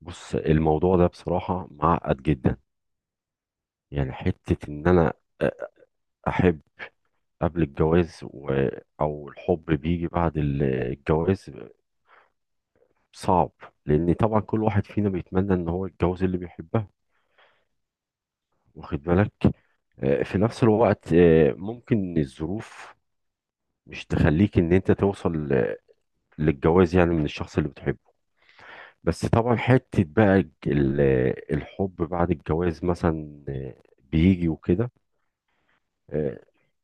بص، الموضوع ده بصراحة معقد جدا. يعني حتة ان انا احب قبل الجواز او الحب بيجي بعد الجواز صعب، لان طبعا كل واحد فينا بيتمنى ان هو يتجوز اللي بيحبها، واخد بالك. في نفس الوقت ممكن الظروف مش تخليك ان انت توصل للجواز، يعني من الشخص اللي بتحبه. بس طبعا حتة بقى الحب بعد الجواز مثلا بيجي وكده.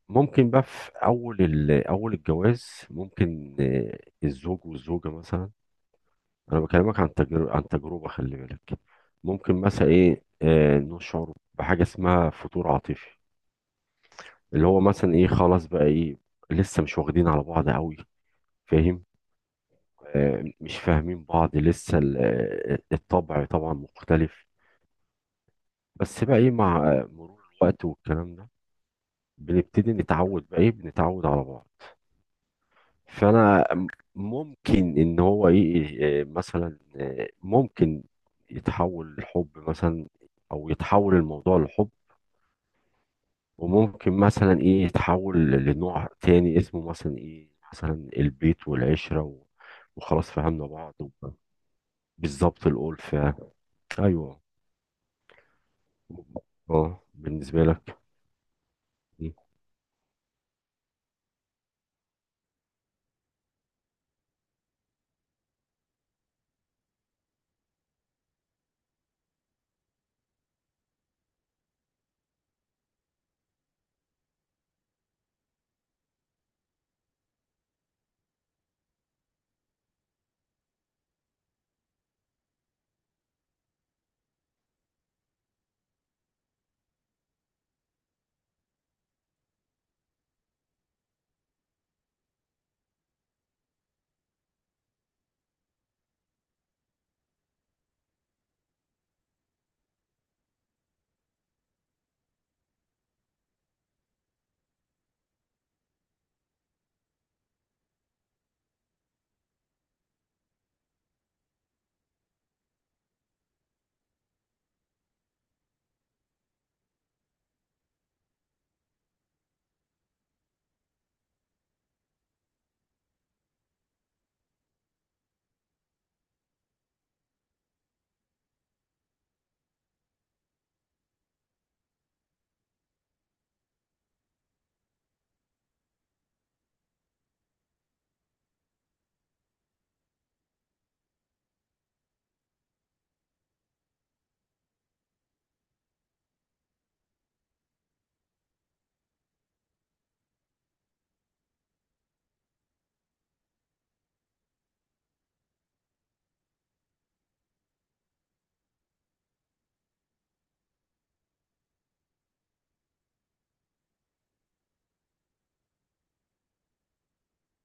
ممكن بقى في اول الجواز ممكن الزوج والزوجه مثلا. انا بكلمك عن تجربه عن تجربه، خلي بالك. ممكن مثلا ايه نشعر بحاجه اسمها فتور عاطفي، اللي هو مثلا ايه خلاص بقى ايه، لسه مش واخدين على بعض قوي، فاهم؟ مش فاهمين بعض لسه الطبع طبعا مختلف. بس بقى ايه مع مرور الوقت والكلام ده بنبتدي نتعود، بقى ايه بنتعود على بعض. فانا ممكن ان هو ايه مثلا ممكن يتحول لحب مثلا، او يتحول الموضوع لحب. وممكن مثلا ايه يتحول لنوع تاني اسمه مثلا ايه، مثلا البيت والعشرة وخلاص فهمنا بعض بالظبط الألفة. ايوه. اه، بالنسبة لك. مم.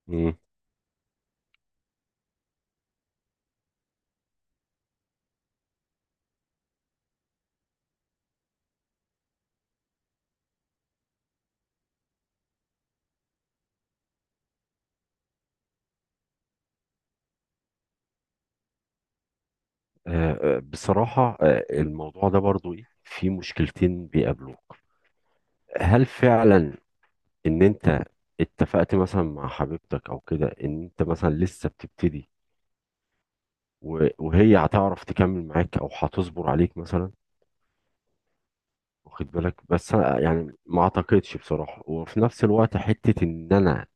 مم. بصراحة الموضوع ده برضو ايه في مشكلتين بيقابلوك. هل فعلا ان انت اتفقت مثلا مع حبيبتك او كده ان انت مثلا لسه بتبتدي، وهي هتعرف تكمل معاك او هتصبر عليك مثلا، واخد بالك؟ بس أنا يعني ما اعتقدش بصراحة. وفي نفس الوقت حتة ان انا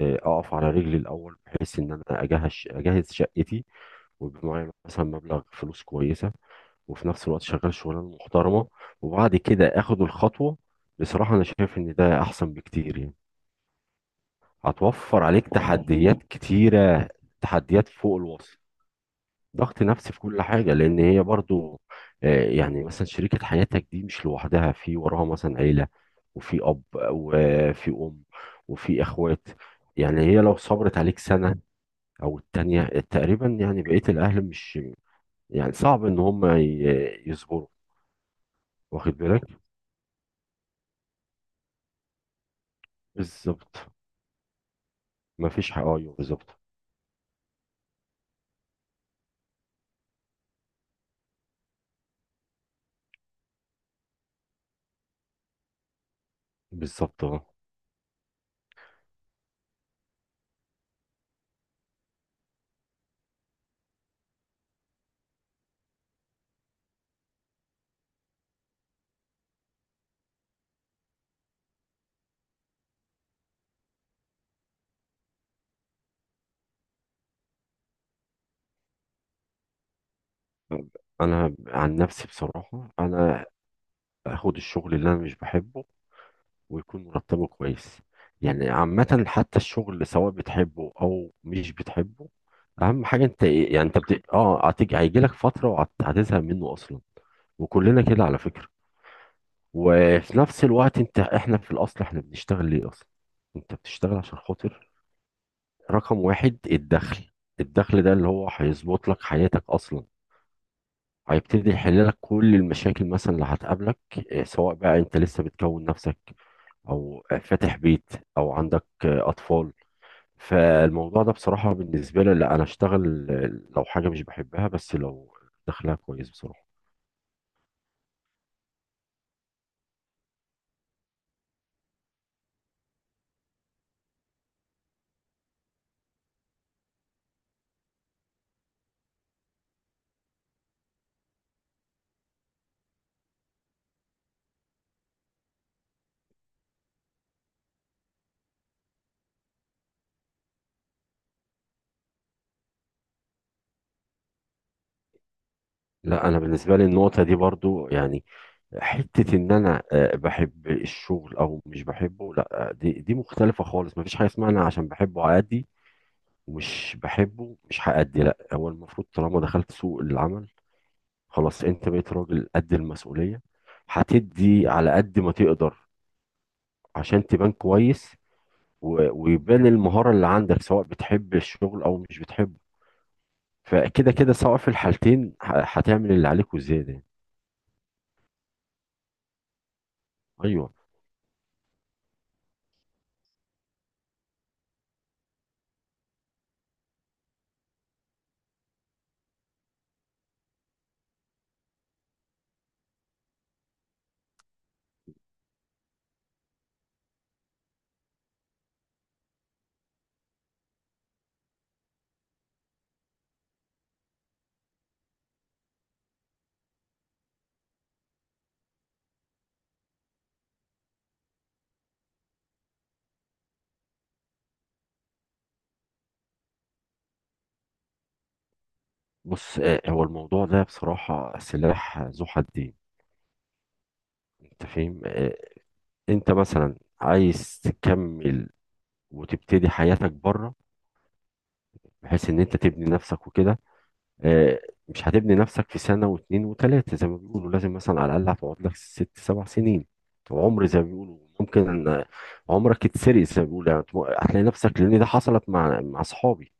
اقف على رجلي الاول، بحيث ان انا اجهز شقتي ويبقى معايا مثلا مبلغ فلوس كويسة، وفي نفس الوقت شغال شغلانة محترمة، وبعد كده اخد الخطوة. بصراحة انا شايف ان ده احسن بكتير يعني. هتوفر عليك تحديات كتيرة، تحديات فوق الوصف. ضغط نفسي في كل حاجة، لأن هي برضو يعني مثلا شريكة حياتك دي مش لوحدها، في وراها مثلا عيلة، وفي أب وفي أم وفي إخوات. يعني هي لو صبرت عليك سنة أو التانية تقريبا، يعني بقية الأهل مش، يعني صعب إن هم يصبروا، واخد بالك. بالظبط، مفيش حق. أيوه بالظبط. بالظبط اه. انا عن نفسي بصراحه انا اخد الشغل اللي انا مش بحبه ويكون مرتبه كويس. يعني عامة حتى الشغل سواء بتحبه او مش بتحبه، اهم حاجة انت إيه- يعني انت بت... اه هتيجي هيجي لك فترة وهتزهق منه اصلا، وكلنا كده على فكرة. وفي نفس الوقت انت، احنا في الاصل احنا بنشتغل ليه اصلا؟ انت بتشتغل عشان خاطر رقم 1 الدخل. الدخل ده اللي هو هيظبط لك حياتك اصلا، هيبتدي يحل لك كل المشاكل مثلا اللي هتقابلك، سواء بقى انت لسه بتكون نفسك او فاتح بيت او عندك اطفال. فالموضوع ده بصراحة بالنسبة لي، لا انا اشتغل لو حاجة مش بحبها بس لو دخلها كويس بصراحة. لا، انا بالنسبة لي النقطة دي برضو يعني، حتة ان انا بحب الشغل او مش بحبه، لا دي مختلفة خالص. مفيش حاجة اسمها انا عشان بحبه هأدي ومش بحبه مش هأدي. لا، هو المفروض طالما دخلت سوق العمل خلاص انت بقيت راجل قد المسؤولية، هتدي على قد ما تقدر عشان تبان كويس ويبان المهارة اللي عندك، سواء بتحب الشغل أو مش بتحبه. فكده كده سواء في الحالتين هتعمل اللي عليك وزيادة يعني. أيوه. بص هو الموضوع ده بصراحة سلاح ذو حدين. أنت فاهم. أنت مثلا عايز تكمل وتبتدي حياتك بره، بحيث إن أنت تبني نفسك وكده. آه، مش هتبني نفسك في سنة واتنين وتلاتة، زي ما بيقولوا لازم مثلا على الأقل هتقعد لك 6 7 سنين. وعمر زي ما بيقولوا ممكن أن عمرك يتسرق زي ما بيقولوا، يعني هتلاقي نفسك. لأن ده حصلت مع أصحابي،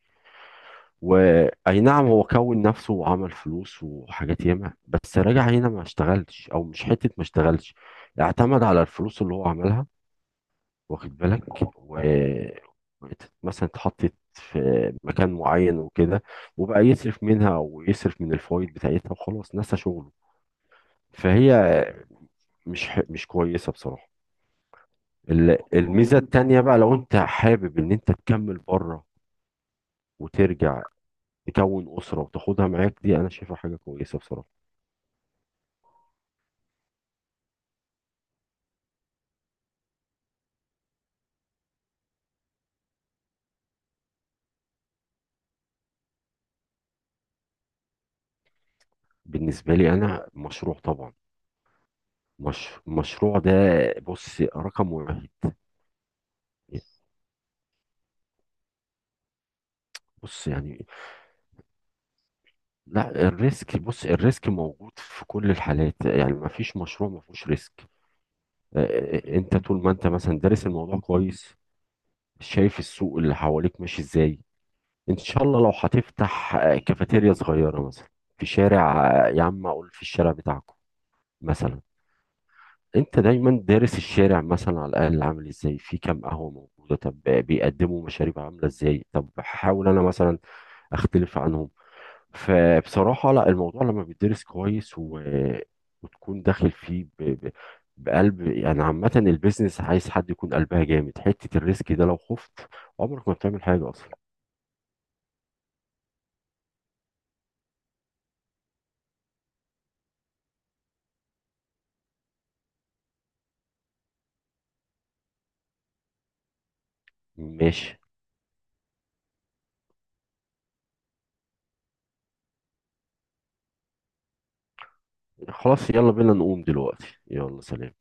وأي نعم هو كون نفسه وعمل فلوس وحاجات ياما، بس راجع هنا ما اشتغلش. أو مش حتة ما اشتغلش، اعتمد على الفلوس اللي هو عملها، واخد بالك، مثلا اتحطت في مكان معين وكده، وبقى يصرف منها ويصرف من الفوائد بتاعتها وخلاص نسى شغله. فهي مش كويسة بصراحة. الميزة التانية بقى لو انت حابب ان انت تكمل بره وترجع تكون أسرة وتاخدها معاك، دي أنا شايفها حاجة كويسة بصراحة. بالنسبة لي أنا مشروع طبعا، مش... مشروع ده، بص، رقم 1. بص يعني، لا، الريسك، الريسك موجود في كل الحالات، يعني ما فيش مشروع ما فيهوش ريسك. انت طول ما انت مثلا دارس الموضوع كويس، شايف السوق اللي حواليك ماشي ازاي. ان شاء الله لو هتفتح كافيتيريا صغيرة مثلا في شارع، يا عم اقول في الشارع بتاعكم مثلا. انت دايما دارس الشارع مثلا، على الاقل عامل ازاي، في كام قهوة موجودة، طب بيقدموا مشاريب عاملة ازاي، طب هحاول انا مثلا اختلف عنهم. فبصراحة لا، الموضوع لما بيدرس كويس و... وتكون داخل فيه بقلب. يعني عامة البيزنس عايز حد يكون قلبها جامد، حتة الريسك ده لو خفت عمرك ما بتعمل حاجة أصلا. ماشي، خلاص يلا بينا نقوم دلوقتي، يلا سلام.